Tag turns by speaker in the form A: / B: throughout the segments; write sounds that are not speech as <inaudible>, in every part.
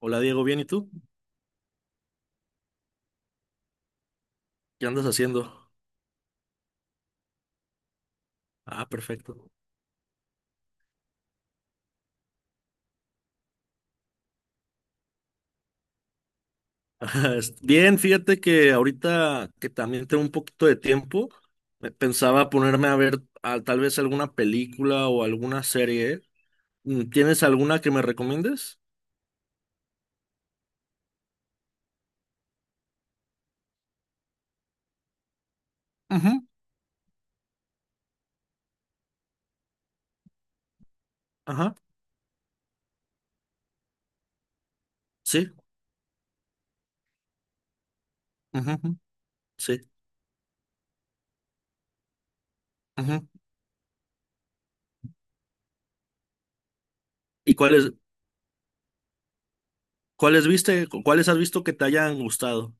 A: Hola Diego, bien, ¿y tú? ¿Qué andas haciendo? Ah, perfecto. <laughs> Bien, fíjate que ahorita que también tengo un poquito de tiempo, me pensaba ponerme a ver tal vez alguna película o alguna serie. ¿Tienes alguna que me recomiendes? Ujú, ajá, sí, ujú, ujú, sí. Ujú. ¿Y cuáles, cuáles viste? ¿Cuáles has visto que te hayan gustado?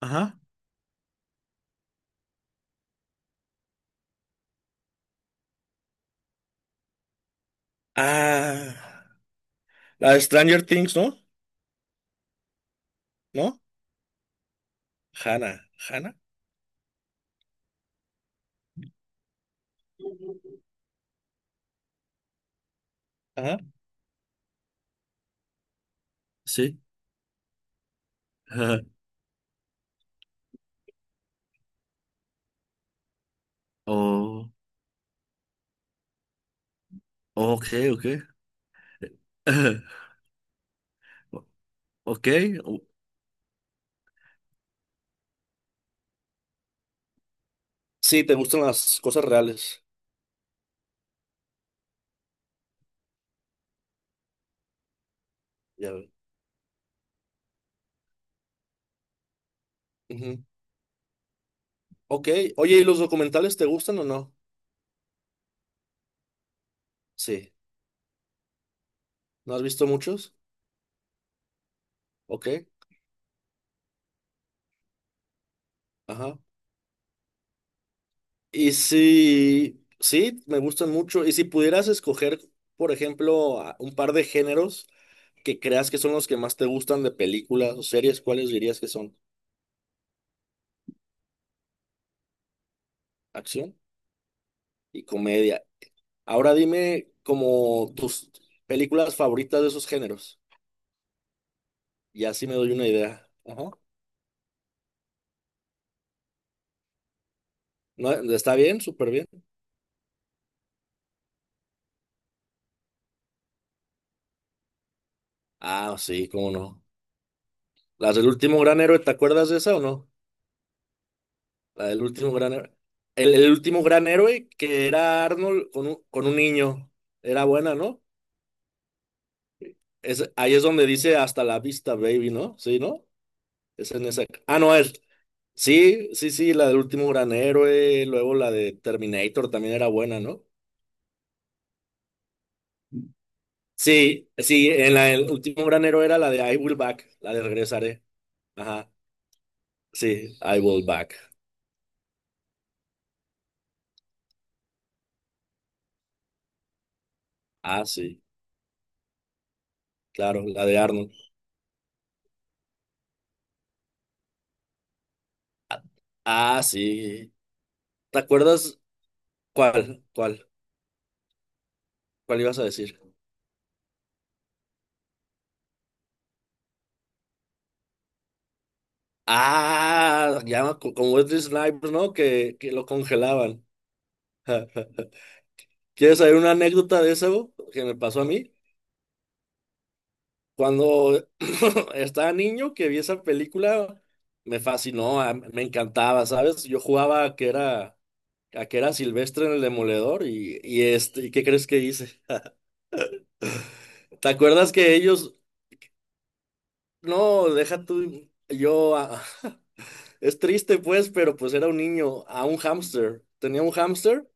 A: Ajá. Ah, la de Stranger Things, ¿no? ¿No? Hannah, Hannah, ajá. Sí. <laughs> O ok, ok. <laughs> Ok. o- Sí, te gustan las cosas reales. Ya veo. Ujú. Ok. Oye, ¿y los documentales te gustan o no? Sí. ¿No has visto muchos? Ok. Ajá. Y si... Sí, me gustan mucho. Y si pudieras escoger, por ejemplo, un par de géneros que creas que son los que más te gustan de películas o series, ¿cuáles dirías que son? Acción y comedia. Ahora dime como tus películas favoritas de esos géneros. Y así me doy una idea. Ajá. No, está bien, súper bien. Ah, sí, cómo no. Las del último gran héroe, ¿te acuerdas de esa o no? La del último gran héroe. El último gran héroe que era Arnold con un niño. Era buena, ¿no? Es, ahí es donde dice hasta la vista, baby, ¿no? Sí, ¿no? Es en esa. Ah, no, es. Sí, sí, sí, la del último gran héroe. Luego la de Terminator también era buena, ¿no? Sí, sí, en la el último gran héroe era la de I Will Back, la de regresaré. Ajá. Sí, I Will Back. Ah, sí, claro, la de Arnold. Ah, sí. ¿Te acuerdas cuál? ¿Cuál? ¿Cuál ibas a decir? Ah, ya con Wesley Snipes, ¿no? Que lo congelaban. Ja. ¿Quieres saber una anécdota de eso que me pasó a mí? Cuando <coughs> <laughs> estaba niño que vi esa película, me fascinó, me encantaba, ¿sabes? Yo jugaba a que era Silvestre en el Demoledor y este, ¿y qué crees que hice? ¿Te acuerdas que ellos No, deja tú, yo, ah, <laughs> es triste pues, pero pues era un niño, a un hámster, tenía un hámster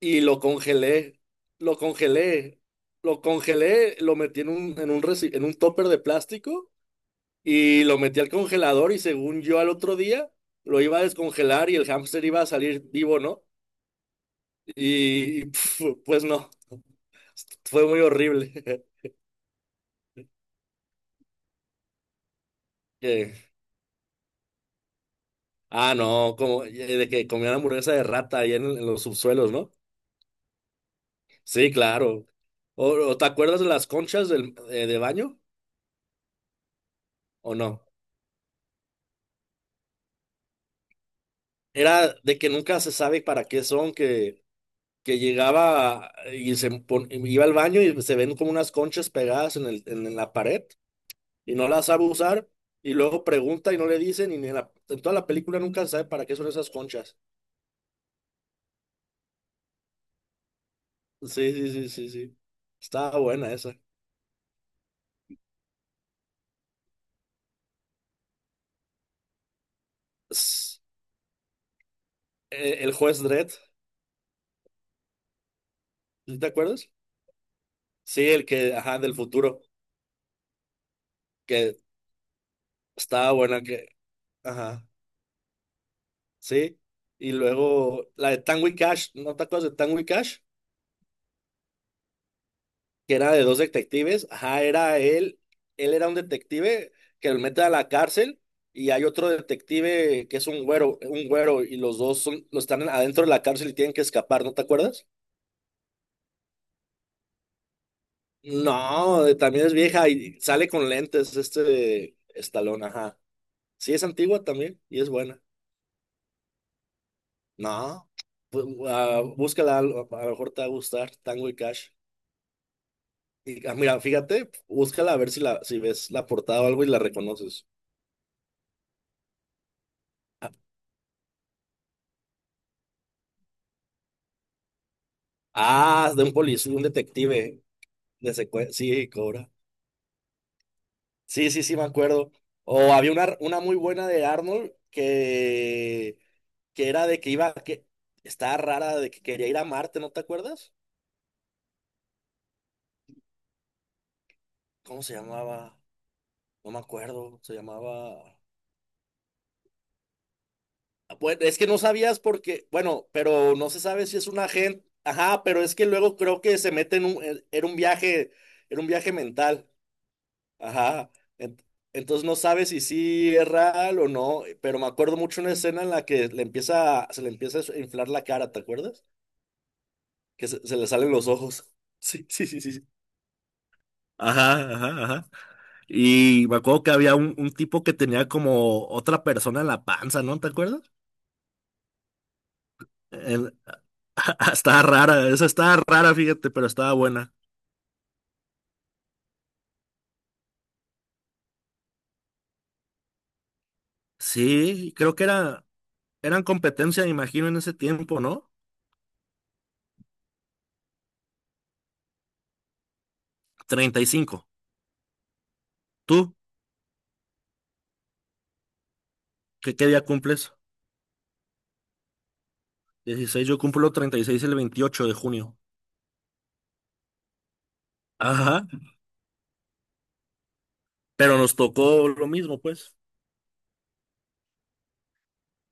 A: y lo congelé, lo congelé, lo congelé, lo metí en un, en un, en un topper de plástico y lo metí al congelador y según yo al otro día lo iba a descongelar y el hámster iba a salir vivo, ¿no? Y <laughs> pues no, fue muy horrible. <laughs> Que- Ah, no, como de que comían hamburguesa de rata ahí en los subsuelos, ¿no? Sí, claro. O te acuerdas de las conchas del, de baño o no? Era de que nunca se sabe para qué son, que llegaba y iba al baño y se ven como unas conchas pegadas en el, en la pared y no las sabe usar y luego pregunta y no le dicen y ni en, en toda la película nunca se sabe para qué son esas conchas. Sí, sí, sí, sí, sí. Estaba buena esa. S- El juez Dredd, ¿sí ¿te acuerdas? Sí, el que, ajá, del futuro, que estaba buena, que, ajá. Sí, y luego la de Tango y Cash, ¿no te acuerdas de Tango y Cash? Que era de dos detectives, ajá, era él, él era un detective que lo mete a la cárcel y hay otro detective que es un güero y los dos son, los están adentro de la cárcel y tienen que escapar, ¿no te acuerdas? No, también es vieja y sale con lentes este Estalón, ajá. Sí, es antigua también y es buena. No, pues, ah, búscala, a lo mejor te va a gustar, Tango y Cash. Y, ah, mira, fíjate, búscala a ver si la, si ves la portada o algo y la reconoces. Ah, de un policía, un detective Sí, Cobra. Sí, sí, sí, me acuerdo. O había una muy buena de Arnold que era de que iba, que estaba rara, de que quería ir a Marte, ¿no te acuerdas? ¿Cómo se llamaba? No me acuerdo. Se llamaba. Bueno, es que no sabías porque, bueno, pero no se sabe si es un agente. Ajá, pero es que luego creo que se mete en un, era un viaje mental. Ajá. Ent- entonces no sabes si sí es real o no, pero me acuerdo mucho una escena en la que le empieza, se le empieza a inflar la cara, ¿te acuerdas? Que se le salen los ojos. <laughs> Sí, sí, sí, sí. sí. Ajá, ajá, ajá. Y me acuerdo que había un tipo que tenía como otra persona en la panza, ¿no? ¿Te acuerdas? <laughs> Estaba rara, esa estaba rara, fíjate, pero estaba buena. Sí, creo que era, eran competencia, me imagino, en ese tiempo, ¿no? 35. ¿Tú qué, qué día cumples? 16, yo cumplo 36 el 28 de junio. Ajá, pero nos tocó lo mismo, pues.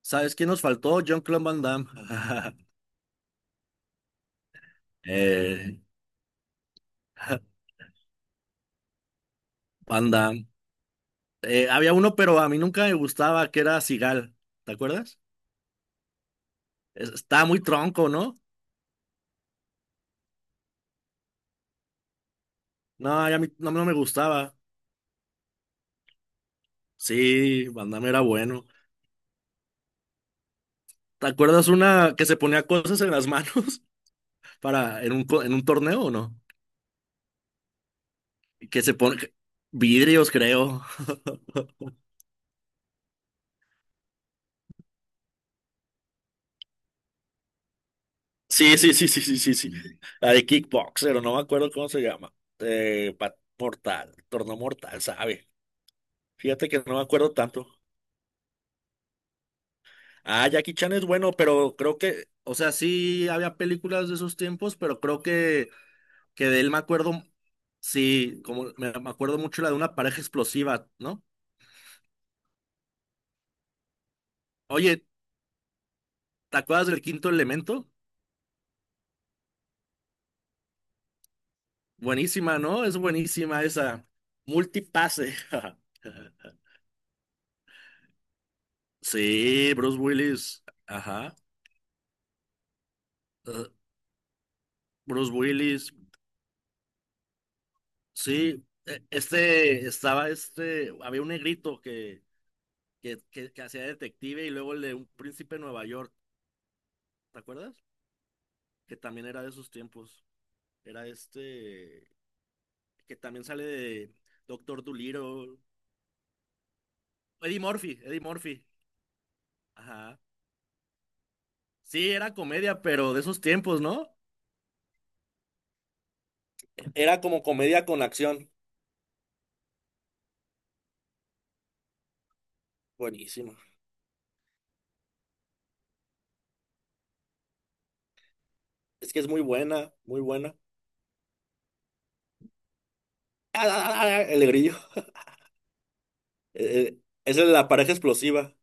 A: ¿Sabes quién nos faltó? Jean-Claude Van Damme. <laughs> Eh, Van Damme. Había uno, pero a mí nunca me gustaba, que era Sigal, ¿te acuerdas? Estaba muy tronco, ¿no? No, ya a mí no me gustaba. Sí, Van era bueno. ¿Te acuerdas una que se ponía cosas en las manos <laughs> para en un en un torneo o no? Que se pone vidrios, creo. <laughs> Sí, sí, sí, sí, sí, sí, sí. La de Kickboxer, o no me acuerdo cómo se llama. Mortal, torneo mortal, ¿sabe? Fíjate que no me acuerdo tanto. Ah, Jackie Chan es bueno, pero creo que, o sea, sí había películas de esos tiempos, pero creo que de él me acuerdo, sí, como me acuerdo mucho la de una pareja explosiva, ¿no? Oye, ¿te acuerdas del quinto elemento? Buenísima, ¿no? Es buenísima esa. Multipase. <laughs> Sí, Bruce Willis. Ajá. Eh, Bruce Willis. Sí. Este estaba este. Había un negrito que, que hacía detective y luego el de un príncipe de Nueva York. ¿Te acuerdas? Que también era de esos tiempos. Era este. Que también sale de Doctor Dolittle. Eddie Murphy. Eddie Murphy. Ajá. Sí, era comedia, pero de esos tiempos, ¿no? Era como comedia con acción. Buenísima. Es que es muy buena, muy buena. ¡Ah! Ah, ah! El grillo. Eh, eh, esa es la pareja explosiva.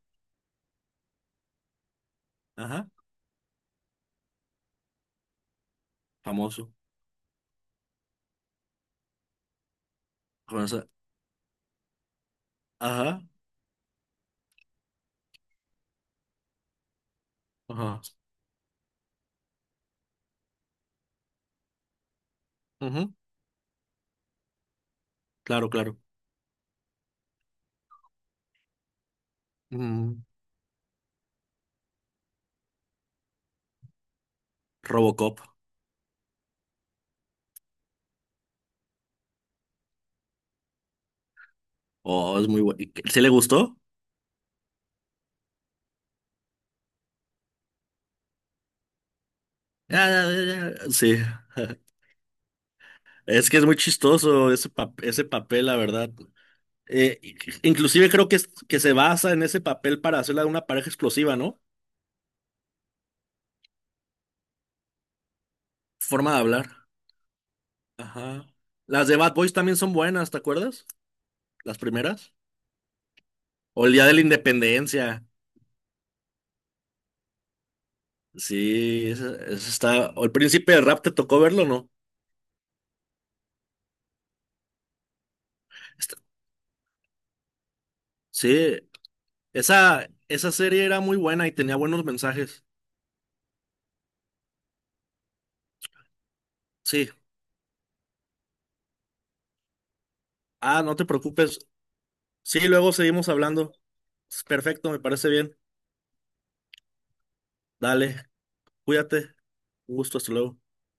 A: Ajá. Famoso. Con esa- Ajá. Ajá. Ujú. Claro, claro. Mm. Robocop. Oh, es muy bueno. ¿Sí le gustó? Ah, ah, ah, ah, sí. <laughs> Es que es muy chistoso ese, ese papel, la verdad. Eh, i- inclusive creo que, que se basa en ese papel para hacerla una pareja explosiva, ¿no? Forma de hablar. Ajá. Las de Bad Boys también son buenas, ¿te acuerdas? Las primeras. O el Día de la Independencia. Sí, esa está. O el Príncipe de Rap, ¿te tocó verlo, no? Está- Sí, esa serie era muy buena y tenía buenos mensajes. Sí. Ah, no te preocupes. Sí, luego seguimos hablando. Es perfecto, me parece bien. Dale, cuídate. Un gusto, hasta luego.